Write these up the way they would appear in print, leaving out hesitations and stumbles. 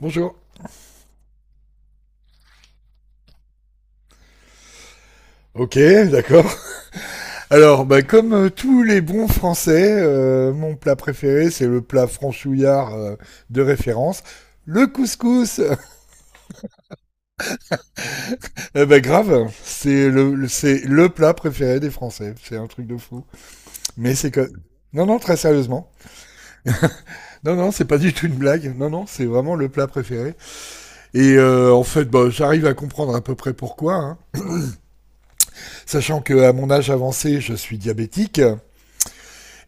Bonjour. Ok, d'accord. Alors, bah, comme tous les bons Français, mon plat préféré, c'est le plat franchouillard de référence. Le couscous, eh ben grave, c'est c'est le plat préféré des Français. C'est un truc de fou. Mais c'est que... Non, non, très sérieusement. Non, non, c'est pas du tout une blague. Non, non, c'est vraiment le plat préféré. Et en fait, bah, j'arrive à comprendre à peu près pourquoi, hein. Sachant que à mon âge avancé, je suis diabétique,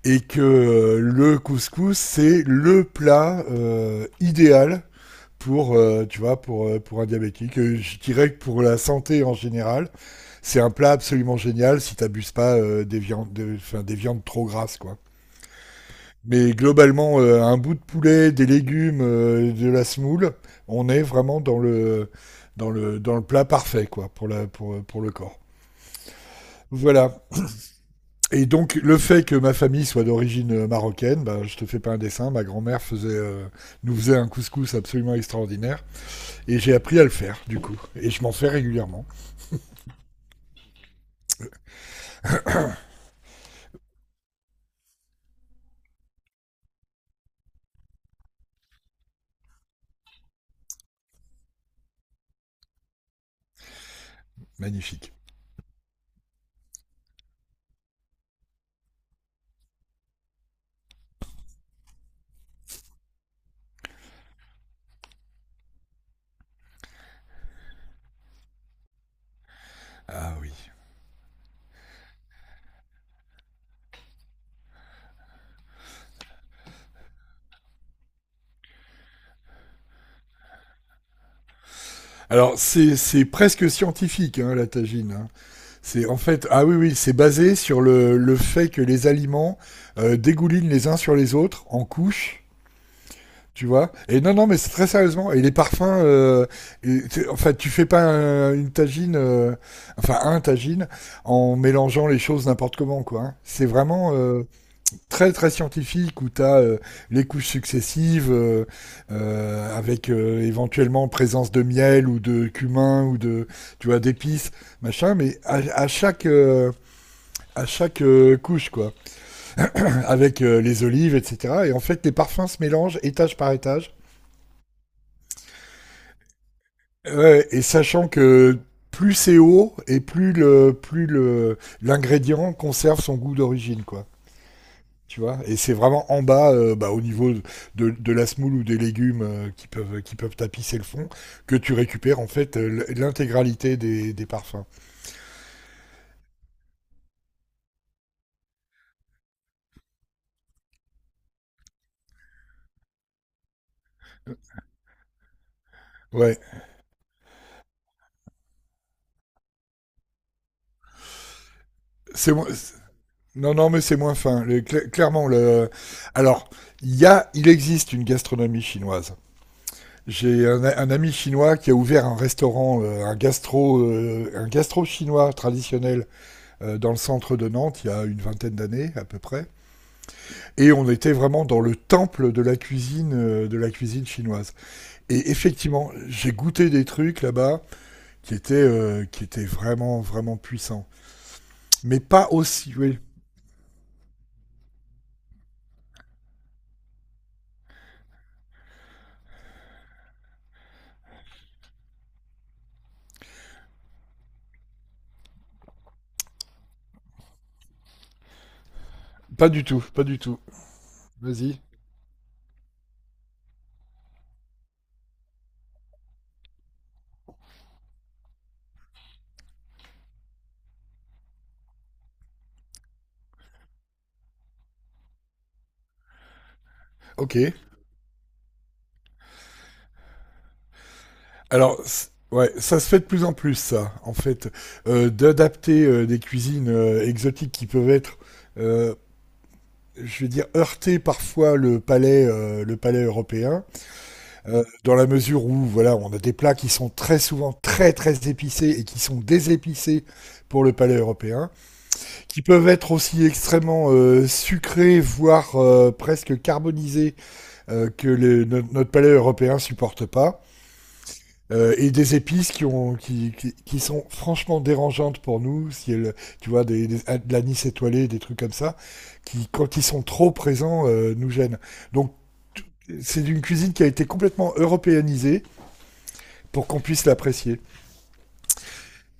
et que le couscous c'est le plat idéal pour tu vois pour un diabétique. Je dirais que pour la santé en général c'est un plat absolument génial si t'abuses pas des enfin des viandes trop grasses quoi, mais globalement un bout de poulet, des légumes, de la semoule, on est vraiment dans le dans le plat parfait quoi, pour la pour le corps, voilà. Et donc, le fait que ma famille soit d'origine marocaine, bah, je te fais pas un dessin, ma grand-mère nous faisait un couscous absolument extraordinaire. Et j'ai appris à le faire, du coup. Et je m'en fais régulièrement. Magnifique. Ah oui. Alors, c'est presque scientifique, hein, la tagine, hein. C'est en fait, ah oui, oui, c'est basé sur le fait que les aliments dégoulinent les uns sur les autres en couches. Tu vois. Et non, non, mais c'est très sérieusement. Et les parfums, et enfin, tu fais pas une tagine, enfin un tagine, en mélangeant les choses n'importe comment, quoi, hein. C'est vraiment très, très scientifique où t'as as les couches successives avec éventuellement présence de miel ou de cumin tu vois, d'épices, machin, mais à chaque couche, quoi. Avec les olives, etc. Et en fait, les parfums se mélangent étage par étage. Ouais, et sachant que plus c'est haut et plus le l'ingrédient conserve son goût d'origine, quoi. Tu vois, et c'est vraiment en bas, bah, au niveau de la semoule ou des légumes qui peuvent tapisser le fond, que tu récupères en fait l'intégralité des parfums. Ouais, c'est mo- c'est- non non mais c'est moins fin. Alors il y a il existe une gastronomie chinoise. J'ai un ami chinois qui a ouvert un restaurant, un gastro chinois traditionnel dans le centre de Nantes il y a une vingtaine d'années à peu près, et on était vraiment dans le temple de la cuisine chinoise. Et effectivement, j'ai goûté des trucs là-bas qui étaient vraiment, vraiment puissants, mais pas aussi, oui, pas du tout, pas du tout. Vas-y, ok. Alors, ouais, ça se fait de plus en plus, ça, en fait. D'adapter des cuisines exotiques qui peuvent être, euh, je vais dire, heurter parfois le palais européen, dans la mesure où, voilà, on a des plats qui sont très souvent très très épicés et qui sont désépicés pour le palais européen, qui peuvent être aussi extrêmement sucrés, voire presque carbonisés, que notre palais européen supporte pas. Et des épices qui, ont, qui sont franchement dérangeantes pour nous, si elles, tu vois, de l'anis étoilé, des trucs comme ça, qui, quand ils sont trop présents, nous gênent. Donc, c'est une cuisine qui a été complètement européanisée pour qu'on puisse l'apprécier.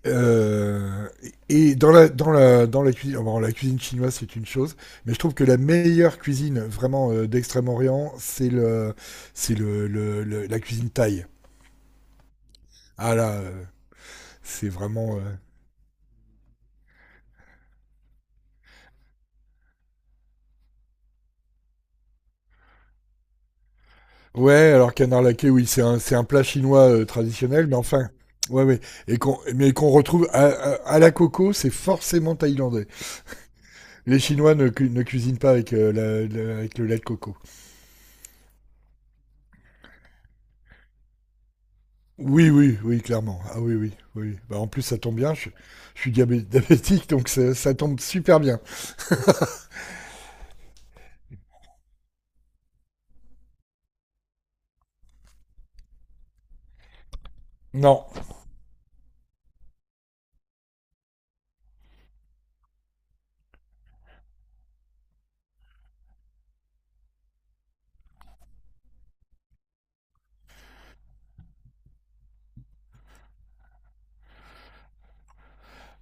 Euh, et dans dans la cuisine, bon, la cuisine chinoise, c'est une chose, mais je trouve que la meilleure cuisine vraiment d'Extrême-Orient, c'est la cuisine thaï. Ah là, c'est vraiment. Ouais, alors canard laqué, oui, c'est c'est un plat chinois traditionnel, mais enfin, ouais, ouais, qu'on retrouve à la coco, c'est forcément thaïlandais. Les Chinois ne ne cuisinent pas avec, avec le lait de coco. Oui, oui, oui, clairement. Ah oui, oui, oui. Bah, en plus, ça tombe bien, je, diabétique, donc ça tombe super bien. Non,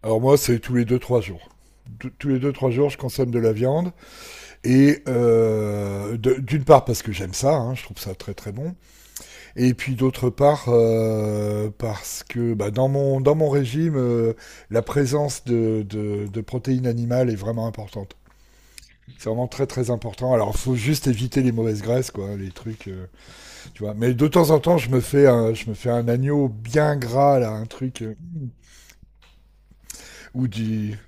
alors moi, c'est tous les deux, trois jours. Tous les deux, trois jours, je consomme de la viande. Et d'une part, parce que j'aime ça, hein, je trouve ça très, très bon. Et puis d'autre part, parce que bah, dans mon régime, la présence de protéines animales est vraiment importante. C'est vraiment très très important. Alors il faut juste éviter les mauvaises graisses, quoi, les trucs, tu vois. Mais de temps en temps, je me fais un, je me fais un agneau bien gras, là, un truc, ou du...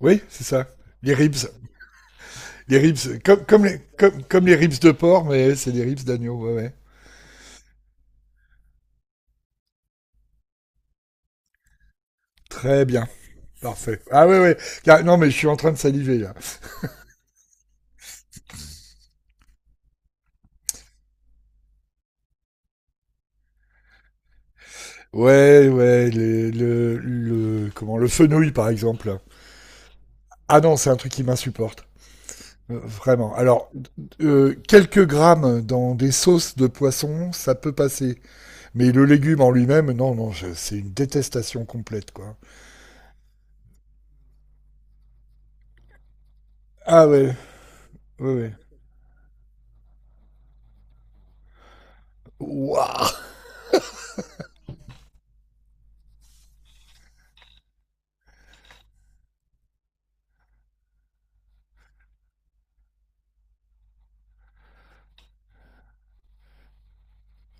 Oui, c'est ça. Les ribs. Les ribs, comme, comme, comme, comme les ribs de porc, mais c'est des ribs d'agneau, ouais, ouais. Très bien. Parfait. Ah ouais, ouais. Non, mais je suis en train de saliver, là. Ouais, ouais, le fenouil par exemple. Ah non, c'est un truc qui m'insupporte. Vraiment. Alors, quelques grammes dans des sauces de poisson, ça peut passer. Mais le légume en lui-même, non, non, c'est une détestation complète, quoi. Ah ouais, ouais, ouais. Ouah.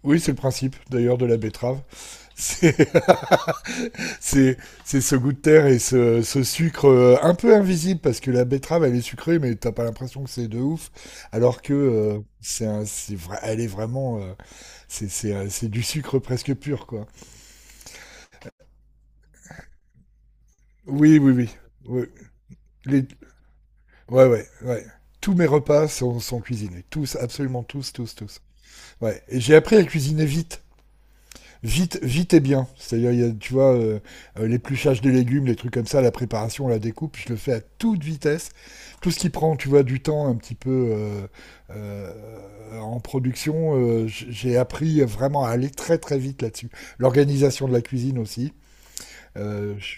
Oui, c'est le principe, d'ailleurs, de la betterave. C'est c'est c'est ce goût de terre et ce sucre un peu invisible parce que la betterave elle est sucrée mais t'as pas l'impression que c'est de ouf, alors que c'est vrai elle est vraiment c'est du sucre presque pur, quoi. Oui oui oui. Oui. Les- ouais ouais ouais. Tous mes repas sont, sont cuisinés, tous absolument tous tous tous. Ouais et j'ai appris à cuisiner vite. Vite, vite et bien. C'est-à-dire, il y a, tu vois, l'épluchage des légumes, les trucs comme ça, la préparation, la découpe, je le fais à toute vitesse. Tout ce qui prend, tu vois, du temps un petit peu en production, j'ai appris vraiment à aller très très vite là-dessus. L'organisation de la cuisine aussi. Euh, je-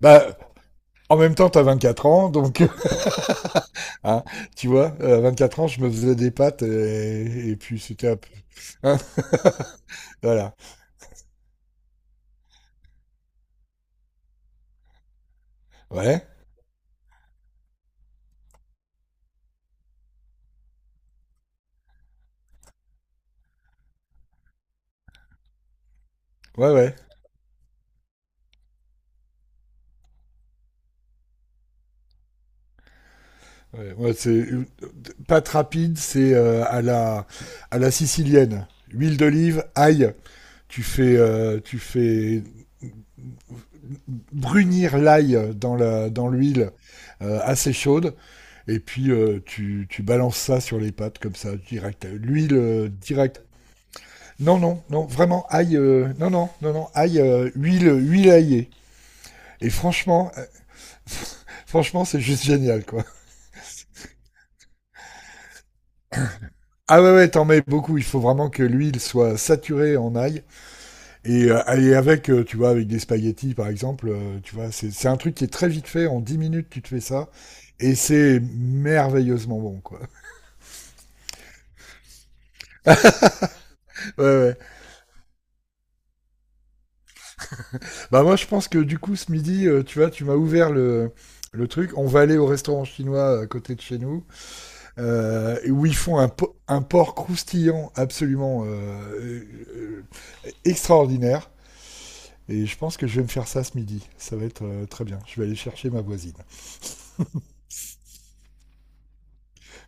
Bah, en même temps, t'as 24 ans, donc, hein, tu vois, à 24 ans, je me faisais des pâtes et puis c'était un peu... hein, voilà. Ouais, ouais, ouais. Ouais, ouais, pâte rapide, c'est à la sicilienne. Huile d'olive, ail. Tu fais brunir l'ail dans la dans l'huile assez chaude, et puis tu balances ça sur les pâtes comme ça direct. L'huile direct. Non non non vraiment ail. Non non non non ail, huile, huile aillée. Et franchement franchement c'est juste génial, quoi. Ah ouais, ouais, t'en mets beaucoup. Il faut vraiment que l'huile soit saturée en ail. Et avec, tu vois, avec des spaghettis, par exemple, tu vois, c'est un truc qui est très vite fait. En 10 minutes, tu te fais ça. Et c'est merveilleusement bon, quoi. Ouais, ouais. Bah moi, je pense que du coup, ce midi, tu vois, tu m'as ouvert le truc. On va aller au restaurant chinois à côté de chez nous, où ils font un porc croustillant absolument euh, extraordinaire. Et je pense que je vais me faire ça ce midi. Ça va être très bien. Je vais aller chercher ma voisine.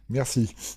Merci.